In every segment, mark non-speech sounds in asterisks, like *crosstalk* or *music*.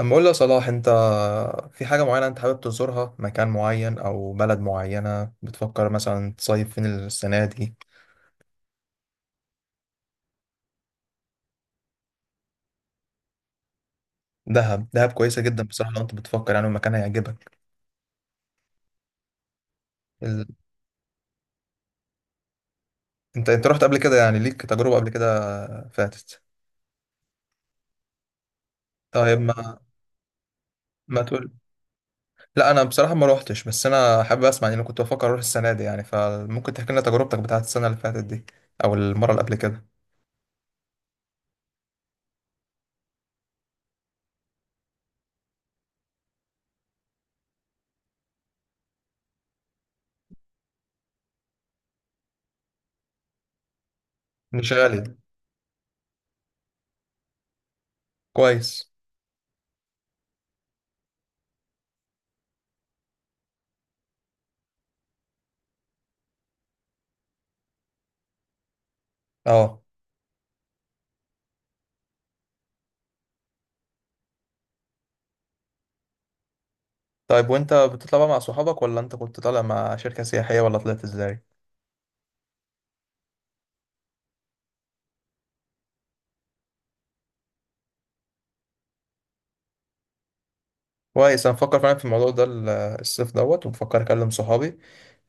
اما اقول لك صلاح، انت في حاجة معينة انت حابب تزورها، مكان معين او بلد معينة؟ بتفكر مثلا تصيف فين السنة دي؟ دهب دهب كويسة جدا بصراحة. لو انت بتفكر يعني المكان هيعجبك. ال... انت رحت قبل كده، يعني ليك تجربة قبل كده فاتت؟ طيب، ما تقول. لا، انا بصراحة ما روحتش، بس انا حابب اسمع. يعني انا كنت بفكر اروح السنة دي، يعني فممكن تحكي لنا تجربتك بتاعت السنة اللي فاتت دي او المرة اللي قبل كده. مش غالي. كويس. اه، طيب، وانت بتطلع بقى مع صحابك ولا انت كنت طالع مع شركة سياحية ولا طلعت ازاي؟ كويس. انا بفكر فعلا في الموضوع ده، الصيف دوت، وبفكر اكلم صحابي.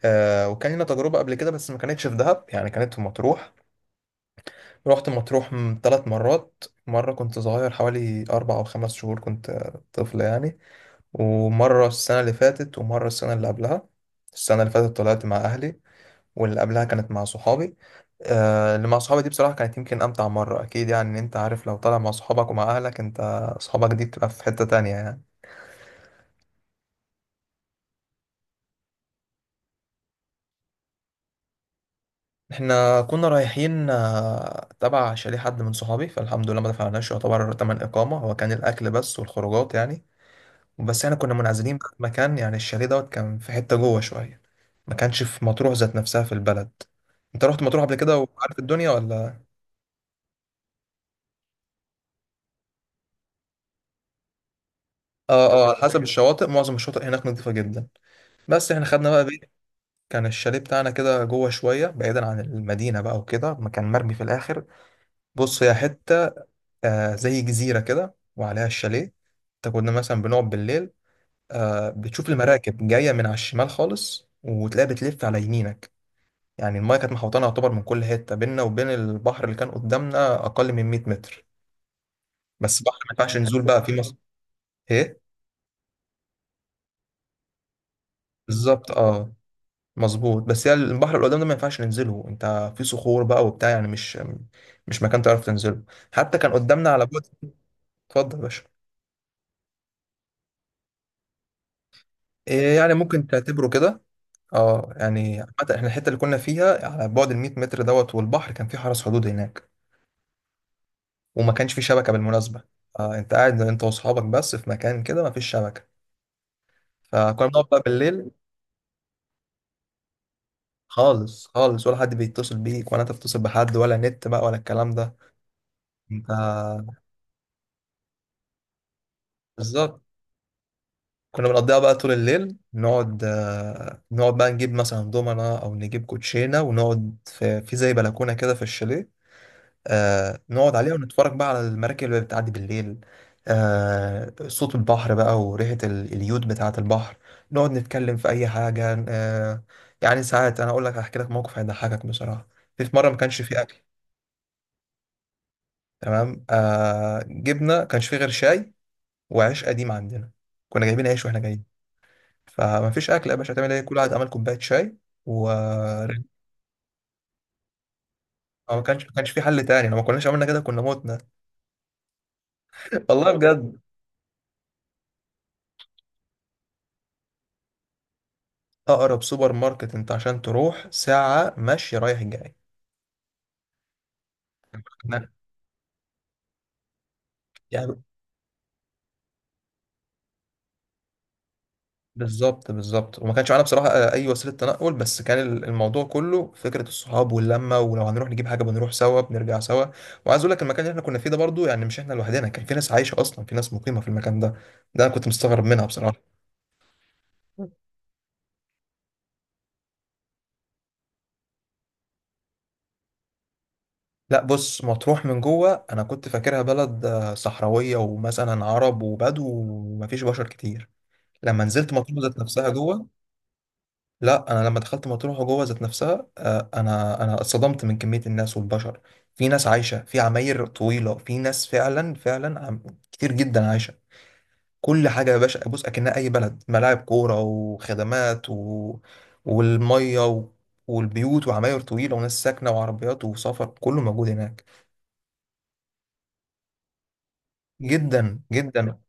وكان لنا تجربة قبل كده بس ما كانتش في دهب، يعني كانت في مطروح. رحت مطروح ثلاث مرات. مرة كنت صغير، حوالي أربع أو خمس شهور، كنت طفل يعني. ومرة السنة اللي فاتت ومرة السنة اللي قبلها. السنة اللي فاتت طلعت مع أهلي، واللي قبلها كانت مع صحابي. اللي مع صحابي دي بصراحة كانت يمكن أمتع مرة أكيد. يعني، إن أنت عارف، لو طالع مع صحابك ومع أهلك، أنت صحابك دي بتبقى في حتة تانية يعني. إحنا كنا رايحين تبع شاليه حد من صحابي، فالحمد لله ما دفعناش يعتبر تمن إقامة. هو كان الأكل بس والخروجات يعني. بس إحنا كنا منعزلين بقى في مكان، يعني الشاليه دوت كان في حتة جوه شوية. ما كانش في مطروح ذات نفسها في البلد. انت رحت مطروح قبل كده وعارف الدنيا ولا؟ اه، اه، على حسب *laughs* الشواطئ. معظم الشواطئ هناك نظيفة جدا. بس احنا خدنا بقى إيه، كان الشاليه بتاعنا كده جوه شوية، بعيدا عن المدينة بقى، وكده ما كان مرمي في الآخر. بص، هي حتة زي جزيرة كده وعليها الشاليه. انت كنا مثلا بنقعد بالليل، بتشوف المراكب جاية من على الشمال خالص وتلاقيها بتلف على يمينك. يعني المايه كانت محوطانة يعتبر من كل حتة. بيننا وبين البحر اللي كان قدامنا أقل من 100 متر. بس بحر ما ينفعش نزول بقى فيه، مصر. ايه؟ بالظبط، اه. مظبوط. بس يعني البحر اللي قدام ده ما ينفعش ننزله، انت في صخور بقى وبتاع، يعني مش مكان تعرف تنزله. حتى كان قدامنا على بعد. اتفضل يا باشا. إيه يعني، ممكن تعتبره كده. اه، يعني حتى احنا الحته اللي كنا فيها على بعد ال 100 متر دوت، والبحر كان في حرس حدود هناك، وما كانش في شبكه بالمناسبه. انت قاعد انت واصحابك بس في مكان كده، ما فيش شبكه. فكنا بنقعد بقى بالليل. خالص خالص، ولا حد بيتصل بيك ولا انت بتتصل بحد ولا نت بقى ولا الكلام ده. انت، بالظبط. كنا بنقضيها بقى طول الليل. نقعد، نقعد بقى نجيب مثلا دومنا او نجيب كوتشينه، ونقعد في زي بلكونه كده في الشاليه. نقعد عليها ونتفرج بقى على المراكب اللي بتعدي بالليل. صوت البحر بقى وريحه اليود بتاعه البحر. نقعد نتكلم في اي حاجه. يعني ساعات، انا اقول لك هحكي لك موقف هيضحكك بصراحه. في مره ما كانش فيه اكل. تمام، جبنا كانش فيه غير شاي وعيش قديم عندنا. كنا جايبين عيش واحنا جايين. فمفيش اكل يا باشا، هتعمل ايه؟ كل واحد عمل كوبايه شاي و مم. ما كانش في حل تاني. لو ما كناش عملنا كده كنا متنا. *laughs* والله بجد. اقرب سوبر ماركت انت عشان تروح ساعه ماشي رايح جاي. إحنا- يعني بالظبط بالظبط. وما كانش معانا بصراحه اي وسيله تنقل، بس كان الموضوع كله فكره الصحاب واللمه. ولو هنروح نجيب حاجه بنروح سوا بنرجع سوا. وعايز اقول لك المكان اللي احنا كنا فيه ده برضو، يعني مش احنا لوحدنا، كان في ناس عايشه اصلا، في ناس مقيمه في المكان ده. ده انا كنت مستغرب منها بصراحه. لا بص، مطروح من جوه انا كنت فاكرها بلد صحراويه ومثلا عرب وبدو ومفيش بشر كتير. لما نزلت مطروح ذات نفسها جوه. لا انا لما دخلت مطروح جوه ذات نفسها، انا اتصدمت من كميه الناس والبشر. في ناس عايشه في عماير طويله، في ناس فعلا فعلا كتير جدا عايشه. كل حاجه يا باشا، بص اكنها اي بلد. ملاعب كوره وخدمات والميه والبيوت وعماير طويله وناس ساكنه وعربيات وسفر، كله موجود هناك. جدا جدا.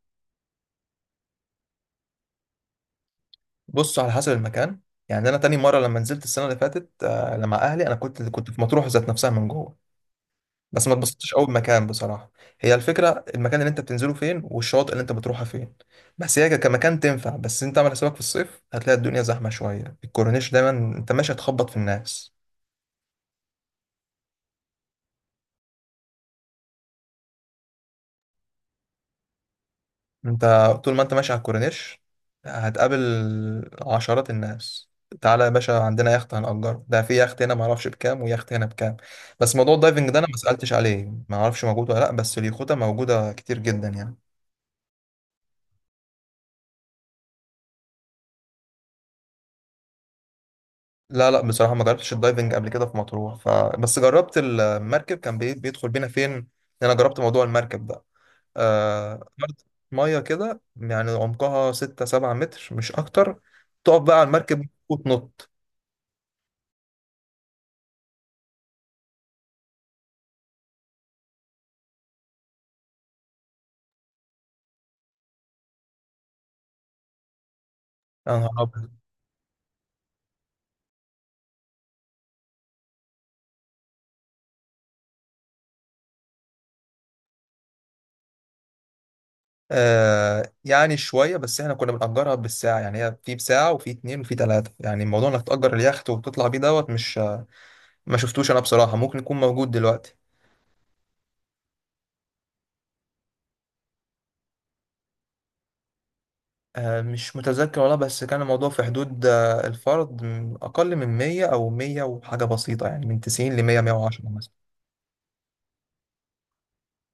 بص، على حسب المكان. يعني انا تاني مره لما نزلت السنه اللي فاتت، لما اهلي، انا كنت في مطروح ذات نفسها من جوه. بس ما اتبسطتش قوي بمكان بصراحه. هي الفكره المكان اللي انت بتنزله فين والشواطئ اللي انت بتروحها فين. بس هي كمكان تنفع، بس انت عامل حسابك، في الصيف هتلاقي الدنيا زحمه شويه، الكورنيش دايما انت ماشي هتخبط في الناس. انت طول ما انت ماشي على الكورنيش هتقابل عشرات الناس. تعالى يا باشا، عندنا يخت هنأجره ده، في يخت هنا معرفش بكام ويخت هنا بكام. بس موضوع الدايفنج ده انا ما سألتش عليه، معرفش موجود ولا لا، بس اليخوتة موجودة كتير جدا يعني. لا لا، بصراحة ما جربتش الدايفنج قبل كده في مطروح، بس جربت المركب كان بيدخل بينا فين. انا جربت موضوع المركب ده. آه... أرض مية كده، يعني عمقها ستة سبعة متر مش أكتر. تقف بقى على المركب وتنط. يا نهار أبيض. يعني شوية، بس احنا كنا بنأجرها بالساعة. يعني هي في بساعة وفي اتنين وفي تلاتة. يعني موضوع انك تأجر اليخت وتطلع بيه دوت، مش ما شفتوش انا بصراحة، ممكن يكون موجود دلوقتي. مش متذكر والله، بس كان الموضوع في حدود الفرد، أقل من مية أو مية وحاجة بسيطة يعني، من تسعين لمية مية وعشرة مثلا.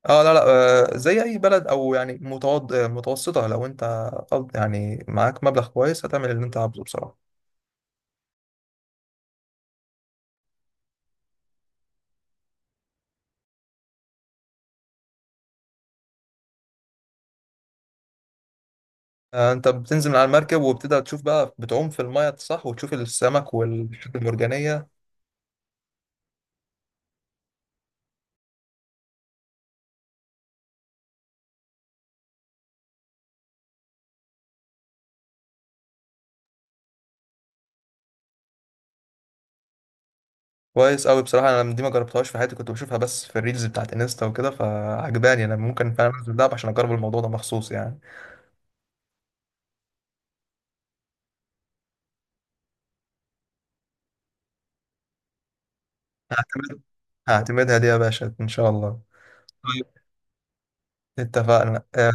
اه، لا لا. زي أي بلد، أو يعني متوض... آه، متوسطة. لو أنت، يعني معاك مبلغ كويس، هتعمل اللي أنت عاوزه بصراحة. انت بتنزل من على المركب وبتبدأ تشوف بقى، بتعوم في المية صح، وتشوف السمك والحاجات المرجانية. كويس قوي بصراحة. انا دي ما جربتهاش في حياتي، كنت بشوفها بس في الريلز بتاعت انستا وكده فعجباني. انا ممكن فعلا انزل دهب عشان اجرب الموضوع ده مخصوص يعني. هعتمد هعتمدها دي يا باشا ان شاء الله. طيب، اتفقنا،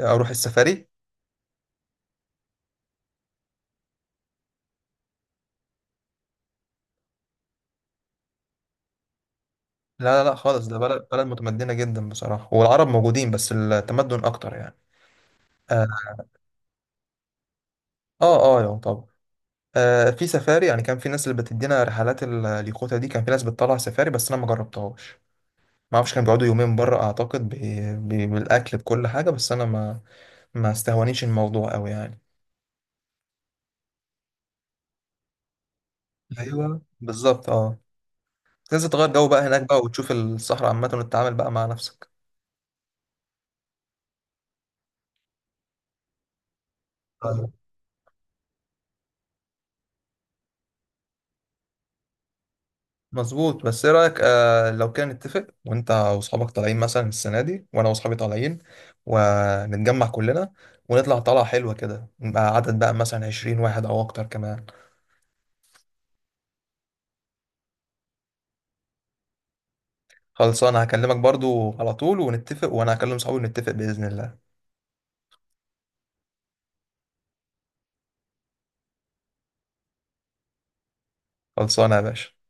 اروح السفاري. لا لا لا خالص، ده بلد بلد متمدنة جدا بصراحة. والعرب موجودين بس التمدن اكتر يعني. اه اه، طبعا. في سفاري، يعني كان في ناس اللي بتدينا رحلات اليخوتة دي، كان في ناس بتطلع سفاري بس انا ما جربتهاش. ما اعرفش، كانوا بيقعدوا يومين بره اعتقد، بالاكل بكل حاجه. بس انا ما استهونيش الموضوع قوي يعني. ايوه بالظبط اه. لازم تغير جو بقى هناك بقى وتشوف الصحراء عامه وتتعامل بقى مع نفسك. أيوة. مظبوط. بس ايه رايك، لو كان نتفق، وانت واصحابك طالعين مثلا السنه دي، وانا واصحابي طالعين، ونتجمع كلنا ونطلع طلعه حلوه كده، نبقى عدد بقى مثلا 20 واحد او اكتر كمان. خلصانة، هكلمك برضو على طول ونتفق، وانا هكلم صحابي ونتفق بإذن الله. خلصانة يا باشا.